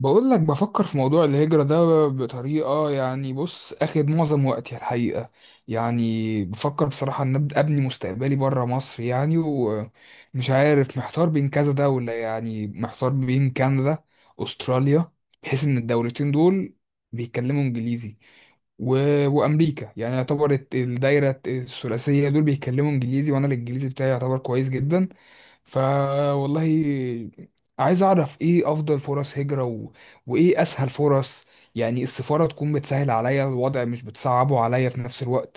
بقول لك بفكر في موضوع الهجرة ده بطريقة، يعني اخد معظم وقتي الحقيقة. يعني بفكر بصراحة ان أبدأ ابني مستقبلي برا مصر، يعني ومش عارف محتار بين كذا دولة، يعني محتار بين كندا، استراليا، بحيث ان الدولتين دول بيتكلموا انجليزي و... وامريكا. يعني يعتبر الدايرة الثلاثية دول بيتكلموا انجليزي، وانا الانجليزي بتاعي يعتبر كويس جدا. فوالله عايز اعرف ايه افضل فرص هجرة وايه اسهل فرص، يعني السفارة تكون بتسهل عليا الوضع مش بتصعبه عليا في نفس الوقت.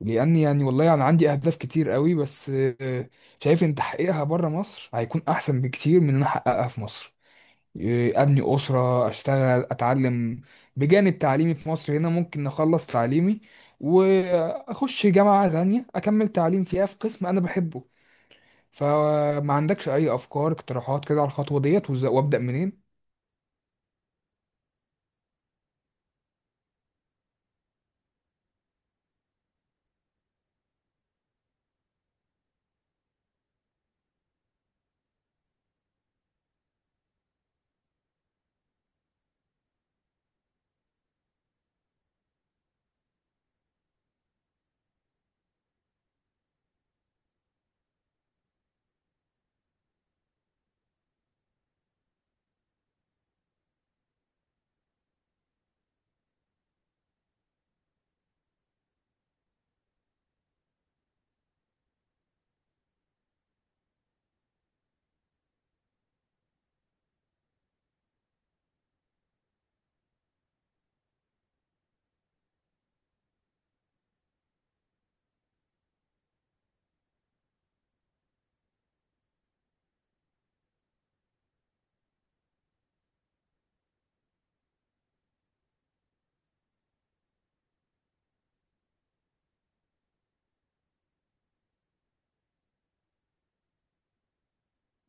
لان يعني والله انا يعني عندي اهداف كتير قوي، بس شايف ان تحقيقها بره مصر هيكون احسن بكتير من ان أنا احققها في مصر. ابني اسرة، اشتغل، اتعلم بجانب تعليمي في مصر. هنا ممكن اخلص تعليمي واخش جامعة تانية اكمل تعليم فيها في قسم انا بحبه. فما عندكش اي افكار اقتراحات كده على الخطوه ديت، وابدا منين؟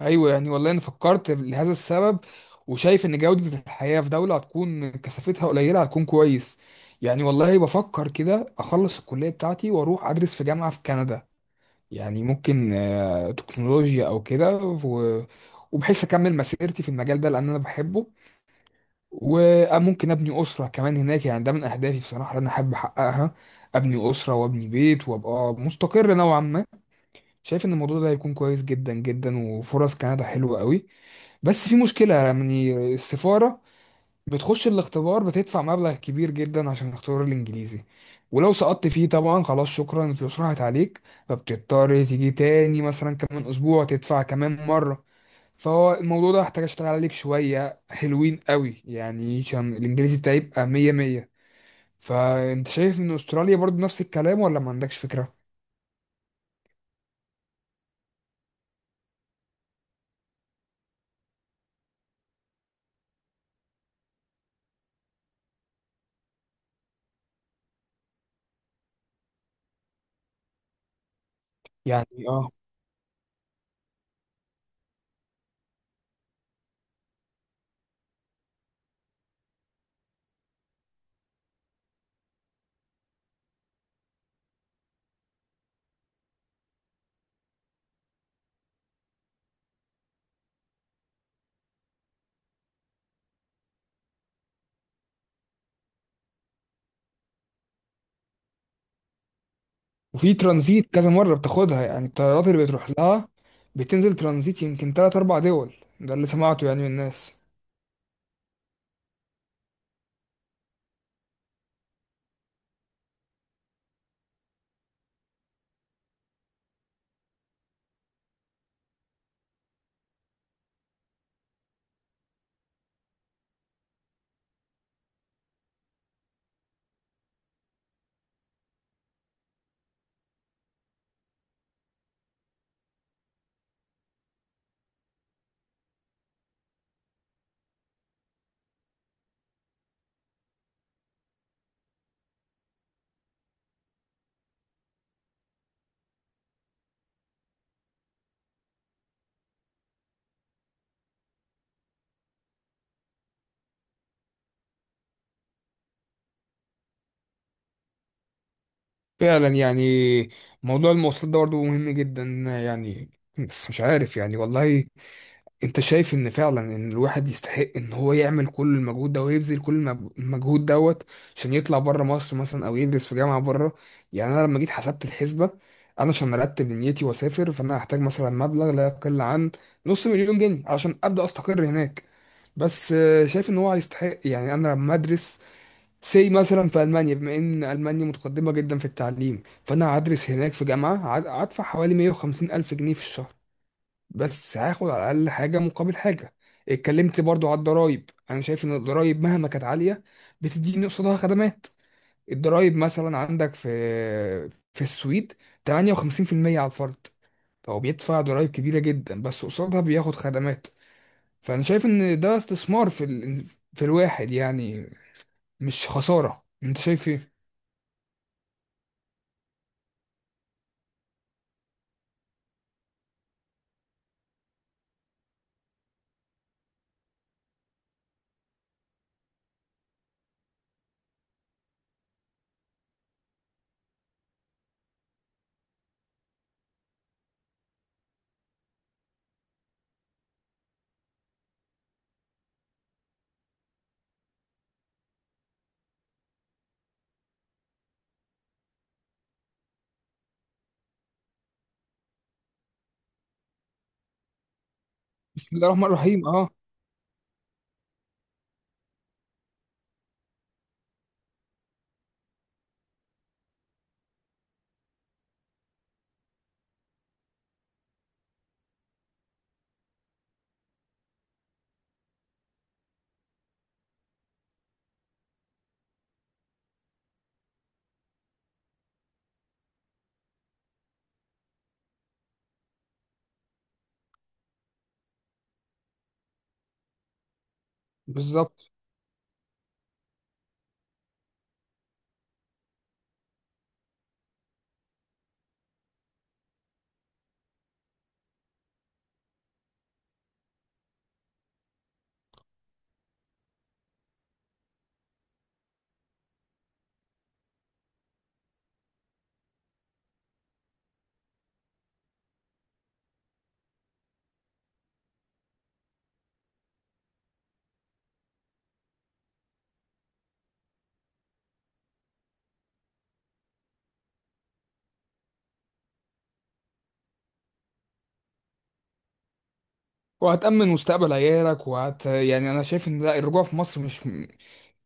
ايوه، يعني والله انا فكرت لهذا السبب، وشايف ان جوده الحياه في دوله هتكون كثافتها قليله هتكون كويس. يعني والله بفكر كده اخلص الكليه بتاعتي واروح ادرس في جامعه في كندا. يعني ممكن تكنولوجيا او كده، وبحيث اكمل مسيرتي في المجال ده لان انا بحبه. وممكن ابني اسره كمان هناك، يعني ده من اهدافي بصراحه اللي انا احب احققها: ابني اسره وابني بيت وابقى مستقر نوعا ما. شايف ان الموضوع ده هيكون كويس جدا جدا وفرص كندا حلوة قوي. بس في مشكلة، يعني السفارة بتخش الاختبار بتدفع مبلغ كبير جدا عشان اختبار الانجليزي، ولو سقطت فيه طبعا خلاص شكرا الفلوس راحت عليك. فبتضطر تيجي تاني مثلا كمان اسبوع تدفع كمان مرة. فهو الموضوع ده هحتاج اشتغل عليك شوية حلوين قوي، يعني عشان الانجليزي بتاعي يبقى مية مية. فانت شايف ان استراليا برضو نفس الكلام ولا ما عندكش فكرة؟ يعني اه. وفي ترانزيت كذا مرة بتاخدها، يعني الطيارات اللي بتروح لها بتنزل ترانزيت يمكن تلات أربع دول. ده اللي سمعته يعني من الناس. فعلا، يعني موضوع المواصلات ده برضه مهم جدا. يعني بس مش عارف يعني والله، انت شايف ان فعلا ان الواحد يستحق ان هو يعمل كل المجهود ده ويبذل كل المجهود دوت عشان يطلع بره مصر مثلا او يدرس في جامعه بره؟ يعني انا لما جيت حسبت الحسبه، انا عشان ارتب نيتي واسافر فانا هحتاج مثلا مبلغ لا يقل عن نص مليون جنيه عشان ابدا استقر هناك. بس شايف ان هو يستحق. يعني انا لما ادرس سي مثلا في المانيا، بما ان المانيا متقدمه جدا في التعليم، فانا هدرس هناك في جامعه هدفع حوالي 150 الف جنيه في الشهر، بس هاخد على الاقل حاجه مقابل حاجه. اتكلمت برضو على الضرايب، انا شايف ان الضرايب مهما كانت عاليه بتديني قصادها خدمات. الضرايب مثلا عندك في في السويد 58% على الفرد، فهو بيدفع ضرايب كبيره جدا بس قصادها بياخد خدمات. فانا شايف ان ده استثمار في الواحد، يعني مش خساره. انت شايف ايه؟ بسم الله الرحمن الرحيم. اه، بالظبط. وهتأمن مستقبل عيالك وهت، يعني انا شايف ان لا الرجوع في مصر مش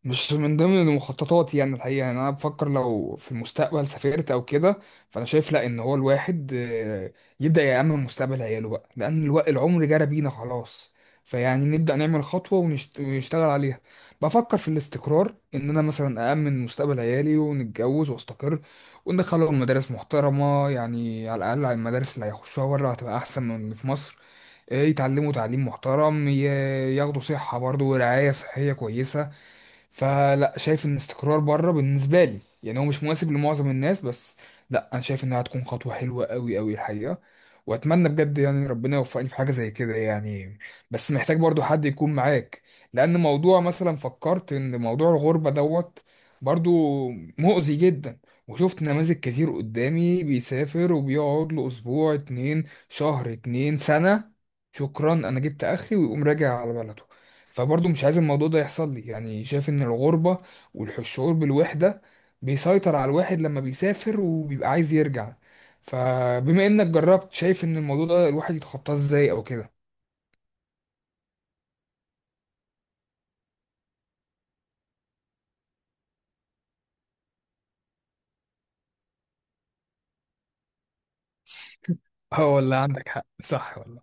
مش من ضمن المخططات. يعني الحقيقة يعني أنا بفكر لو في المستقبل سافرت أو كده، فأنا شايف لأ إن هو الواحد يبدأ يأمن مستقبل عياله بقى، لأن الوقت العمر جرى بينا خلاص. فيعني نبدأ نعمل خطوة ونشتغل عليها. بفكر في الاستقرار، إن أنا مثلا أأمن مستقبل عيالي ونتجوز وأستقر وندخلهم مدارس محترمة، يعني على الأقل على المدارس اللي هيخشوها بره هتبقى أحسن من اللي في مصر. يتعلموا تعليم محترم، ياخدوا صحة برضه ورعاية صحية كويسة. فلا، شايف ان استقرار بره بالنسبه لي، يعني هو مش مناسب لمعظم الناس، بس لا انا شايف انها هتكون خطوه حلوه قوي قوي الحقيقه. واتمنى بجد يعني ربنا يوفقني في حاجه زي كده. يعني بس محتاج برضو حد يكون معاك، لان موضوع، مثلا فكرت ان موضوع الغربه دوت برضو مؤذي جدا. وشفت نماذج كتير قدامي بيسافر وبيقعد له اسبوع اتنين، شهر اتنين، سنه، شكرا انا جبت اخري، ويقوم راجع على بلده. فبرضه مش عايز الموضوع ده يحصل لي. يعني شايف ان الغربة والشعور بالوحدة بيسيطر على الواحد لما بيسافر وبيبقى عايز يرجع. فبما انك جربت، شايف ان الموضوع ده الواحد يتخطاه ازاي او كده؟ اه والله عندك حق، صح والله.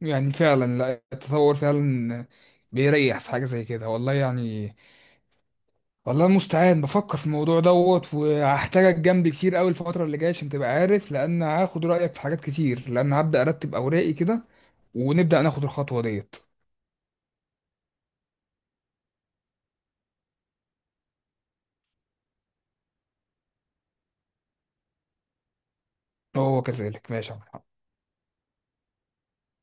يعني فعلا، لا التطور فعلا بيريح في حاجة زي كده والله. يعني والله المستعان، بفكر في الموضوع دوت، وهحتاجك جنبي كتير قوي الفترة اللي جاية عشان تبقى عارف، لأن هاخد رأيك في حاجات كتير، لأن هبدأ أرتب أوراقي كده ونبدأ ناخد الخطوة ديت. هو كذلك، ماشي يا عم.